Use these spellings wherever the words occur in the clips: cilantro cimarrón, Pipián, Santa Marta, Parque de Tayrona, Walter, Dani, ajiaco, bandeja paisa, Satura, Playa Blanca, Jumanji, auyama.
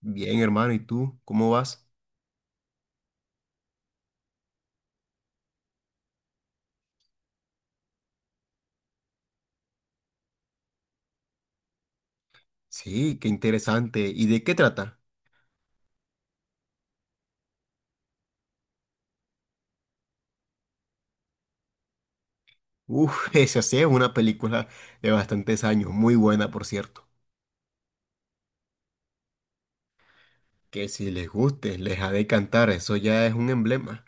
Bien, hermano, ¿y tú? ¿Cómo vas? Sí, qué interesante. ¿Y de qué trata? Uf, esa sí es una película de bastantes años, muy buena, por cierto. Que si les guste, les ha de cantar, eso ya es un emblema.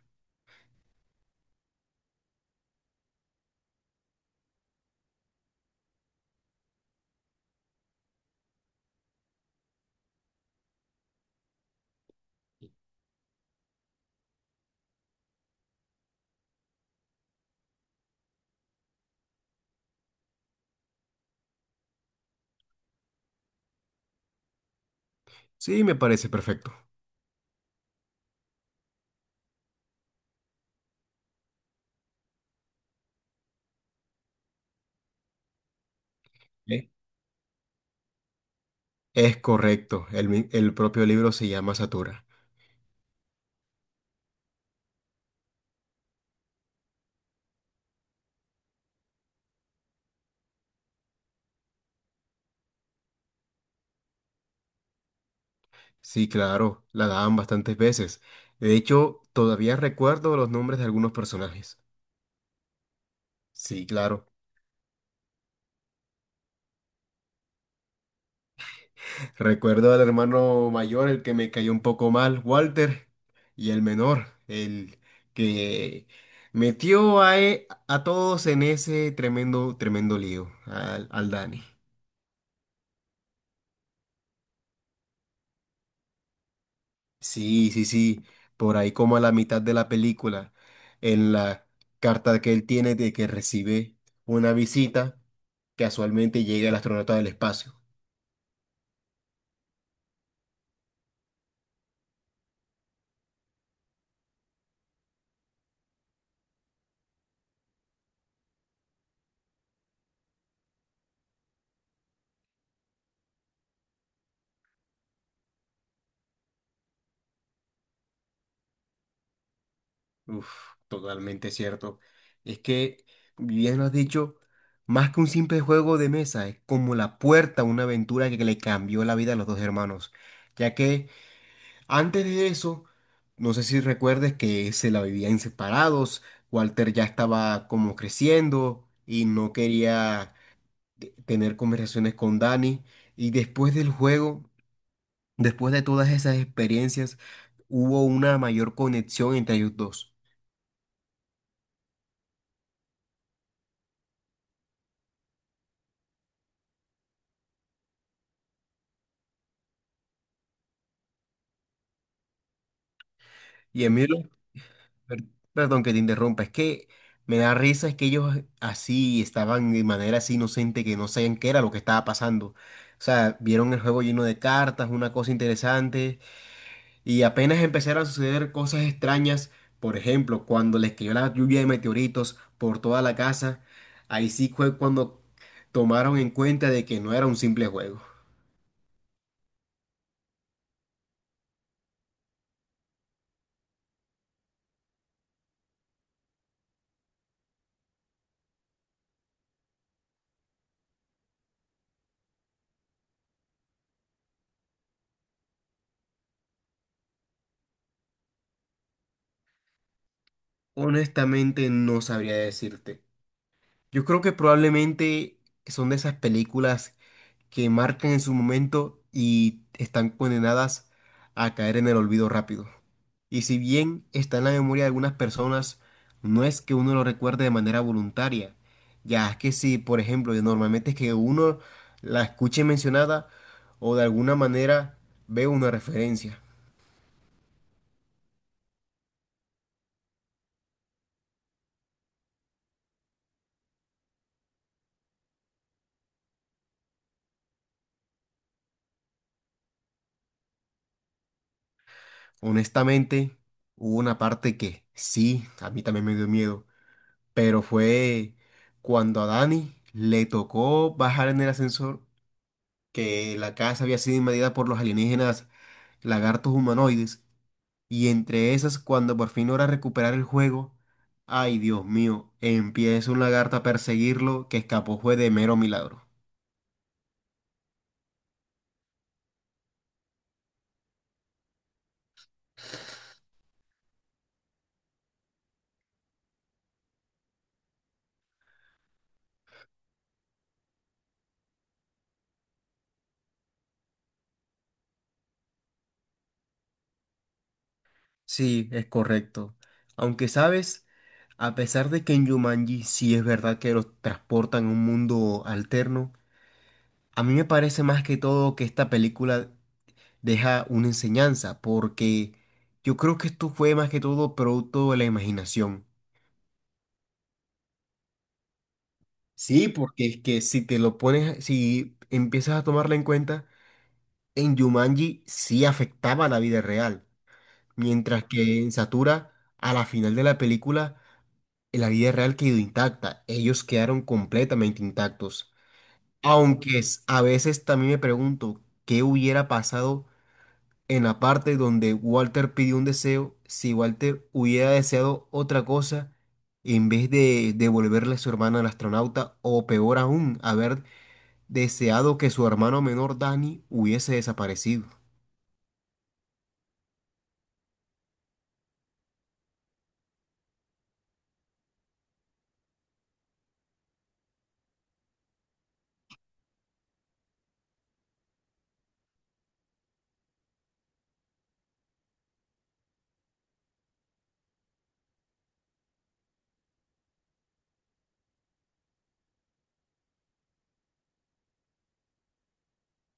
Sí, me parece perfecto. ¿Eh? Es correcto, el propio libro se llama Satura. Sí, claro, la daban bastantes veces. De hecho, todavía recuerdo los nombres de algunos personajes. Sí, claro. Recuerdo al hermano mayor, el que me cayó un poco mal, Walter, y el menor, el que metió a todos en ese tremendo, tremendo lío, al Dani. Sí, sí, sí, por ahí como a la mitad de la película, en la carta que él tiene de que recibe una visita, casualmente llega el astronauta del espacio. Uf, totalmente cierto. Es que, bien lo has dicho, más que un simple juego de mesa, es como la puerta a una aventura que le cambió la vida a los dos hermanos. Ya que antes de eso, no sé si recuerdes que se la vivían separados, Walter ya estaba como creciendo y no quería tener conversaciones con Dani. Y después del juego, después de todas esas experiencias, hubo una mayor conexión entre ellos dos. Y a mí Per- Perdón que te interrumpa, es que me da risa, es que ellos así estaban de manera así inocente que no sabían qué era lo que estaba pasando. O sea, vieron el juego lleno de cartas, una cosa interesante, y apenas empezaron a suceder cosas extrañas, por ejemplo, cuando les cayó la lluvia de meteoritos por toda la casa, ahí sí fue cuando tomaron en cuenta de que no era un simple juego. Honestamente, no sabría decirte. Yo creo que probablemente son de esas películas que marcan en su momento y están condenadas a caer en el olvido rápido. Y si bien está en la memoria de algunas personas, no es que uno lo recuerde de manera voluntaria. Ya es que si, por ejemplo, y normalmente es que uno la escuche mencionada o de alguna manera ve una referencia. Honestamente, hubo una parte que sí, a mí también me dio miedo, pero fue cuando a Dani le tocó bajar en el ascensor que la casa había sido invadida por los alienígenas lagartos humanoides, y entre esas, cuando por fin logra recuperar el juego, ay Dios mío, empieza un lagarto a perseguirlo que escapó fue de mero milagro. Sí, es correcto. Aunque sabes, a pesar de que en Jumanji sí es verdad que los transportan a un mundo alterno, a mí me parece más que todo que esta película deja una enseñanza, porque yo creo que esto fue más que todo producto de la imaginación. Sí, porque es que si te lo pones, si empiezas a tomarla en cuenta, en Jumanji sí afectaba a la vida real, mientras que en Satura, a la final de la película, la vida real quedó intacta, ellos quedaron completamente intactos. A veces también me pregunto qué hubiera pasado en la parte donde Walter pidió un deseo, si Walter hubiera deseado otra cosa en vez de devolverle a su hermana al astronauta, o peor aún, haber deseado que su hermano menor Dani hubiese desaparecido.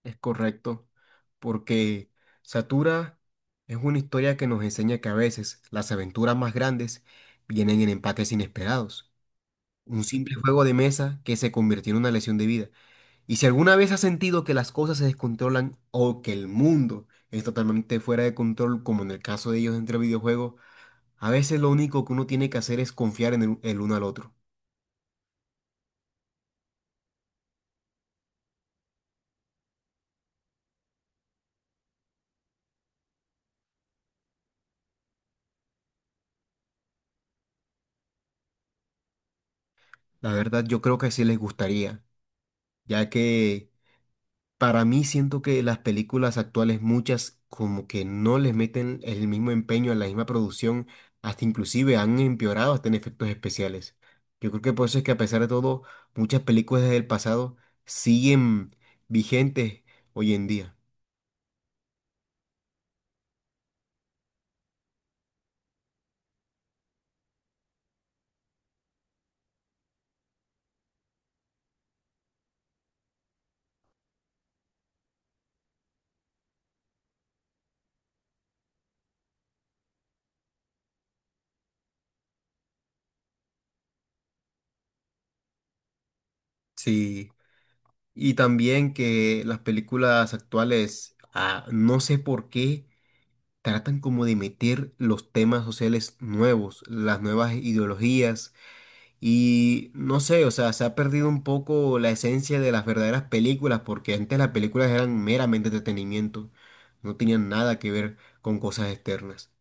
Es correcto, porque Satura es una historia que nos enseña que a veces las aventuras más grandes vienen en empates inesperados. Un simple juego de mesa que se convirtió en una lesión de vida. Y si alguna vez has sentido que las cosas se descontrolan o que el mundo es totalmente fuera de control, como en el caso de ellos entre videojuegos, a veces lo único que uno tiene que hacer es confiar en el uno al otro. La verdad, yo creo que sí les gustaría, ya que para mí siento que las películas actuales, muchas como que no les meten el mismo empeño a la misma producción, hasta inclusive han empeorado hasta en efectos especiales. Yo creo que por eso es que a pesar de todo, muchas películas del pasado siguen vigentes hoy en día. Sí, y también que las películas actuales, no sé por qué, tratan como de meter los temas sociales nuevos, las nuevas ideologías. Y no sé, o sea, se ha perdido un poco la esencia de las verdaderas películas, porque antes las películas eran meramente entretenimiento, no tenían nada que ver con cosas externas.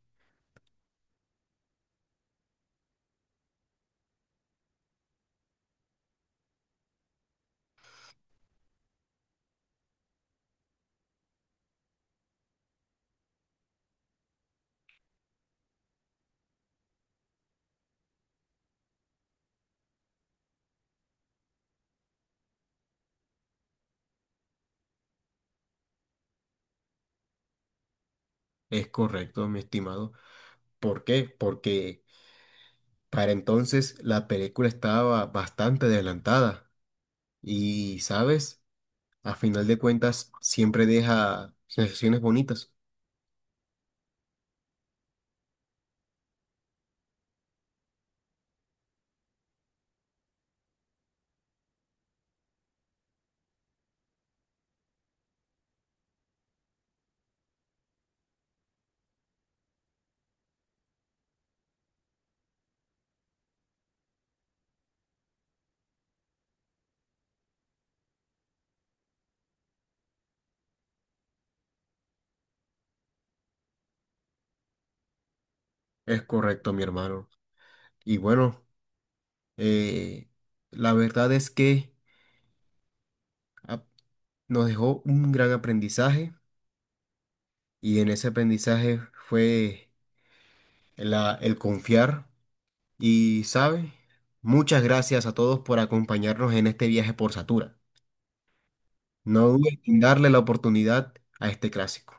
Es correcto, mi estimado. ¿Por qué? Porque para entonces la película estaba bastante adelantada y, ¿sabes? A final de cuentas, siempre deja sensaciones bonitas. Es correcto, mi hermano. Y bueno, eh, la verdad es que... ah, nos dejó un gran aprendizaje y en ese aprendizaje fue el confiar y, ¿sabe? Muchas gracias a todos por acompañarnos en este viaje por Satura. No duden en darle la oportunidad a este clásico.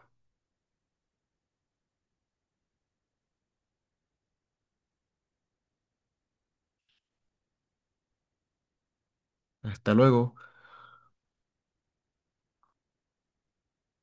Hasta luego.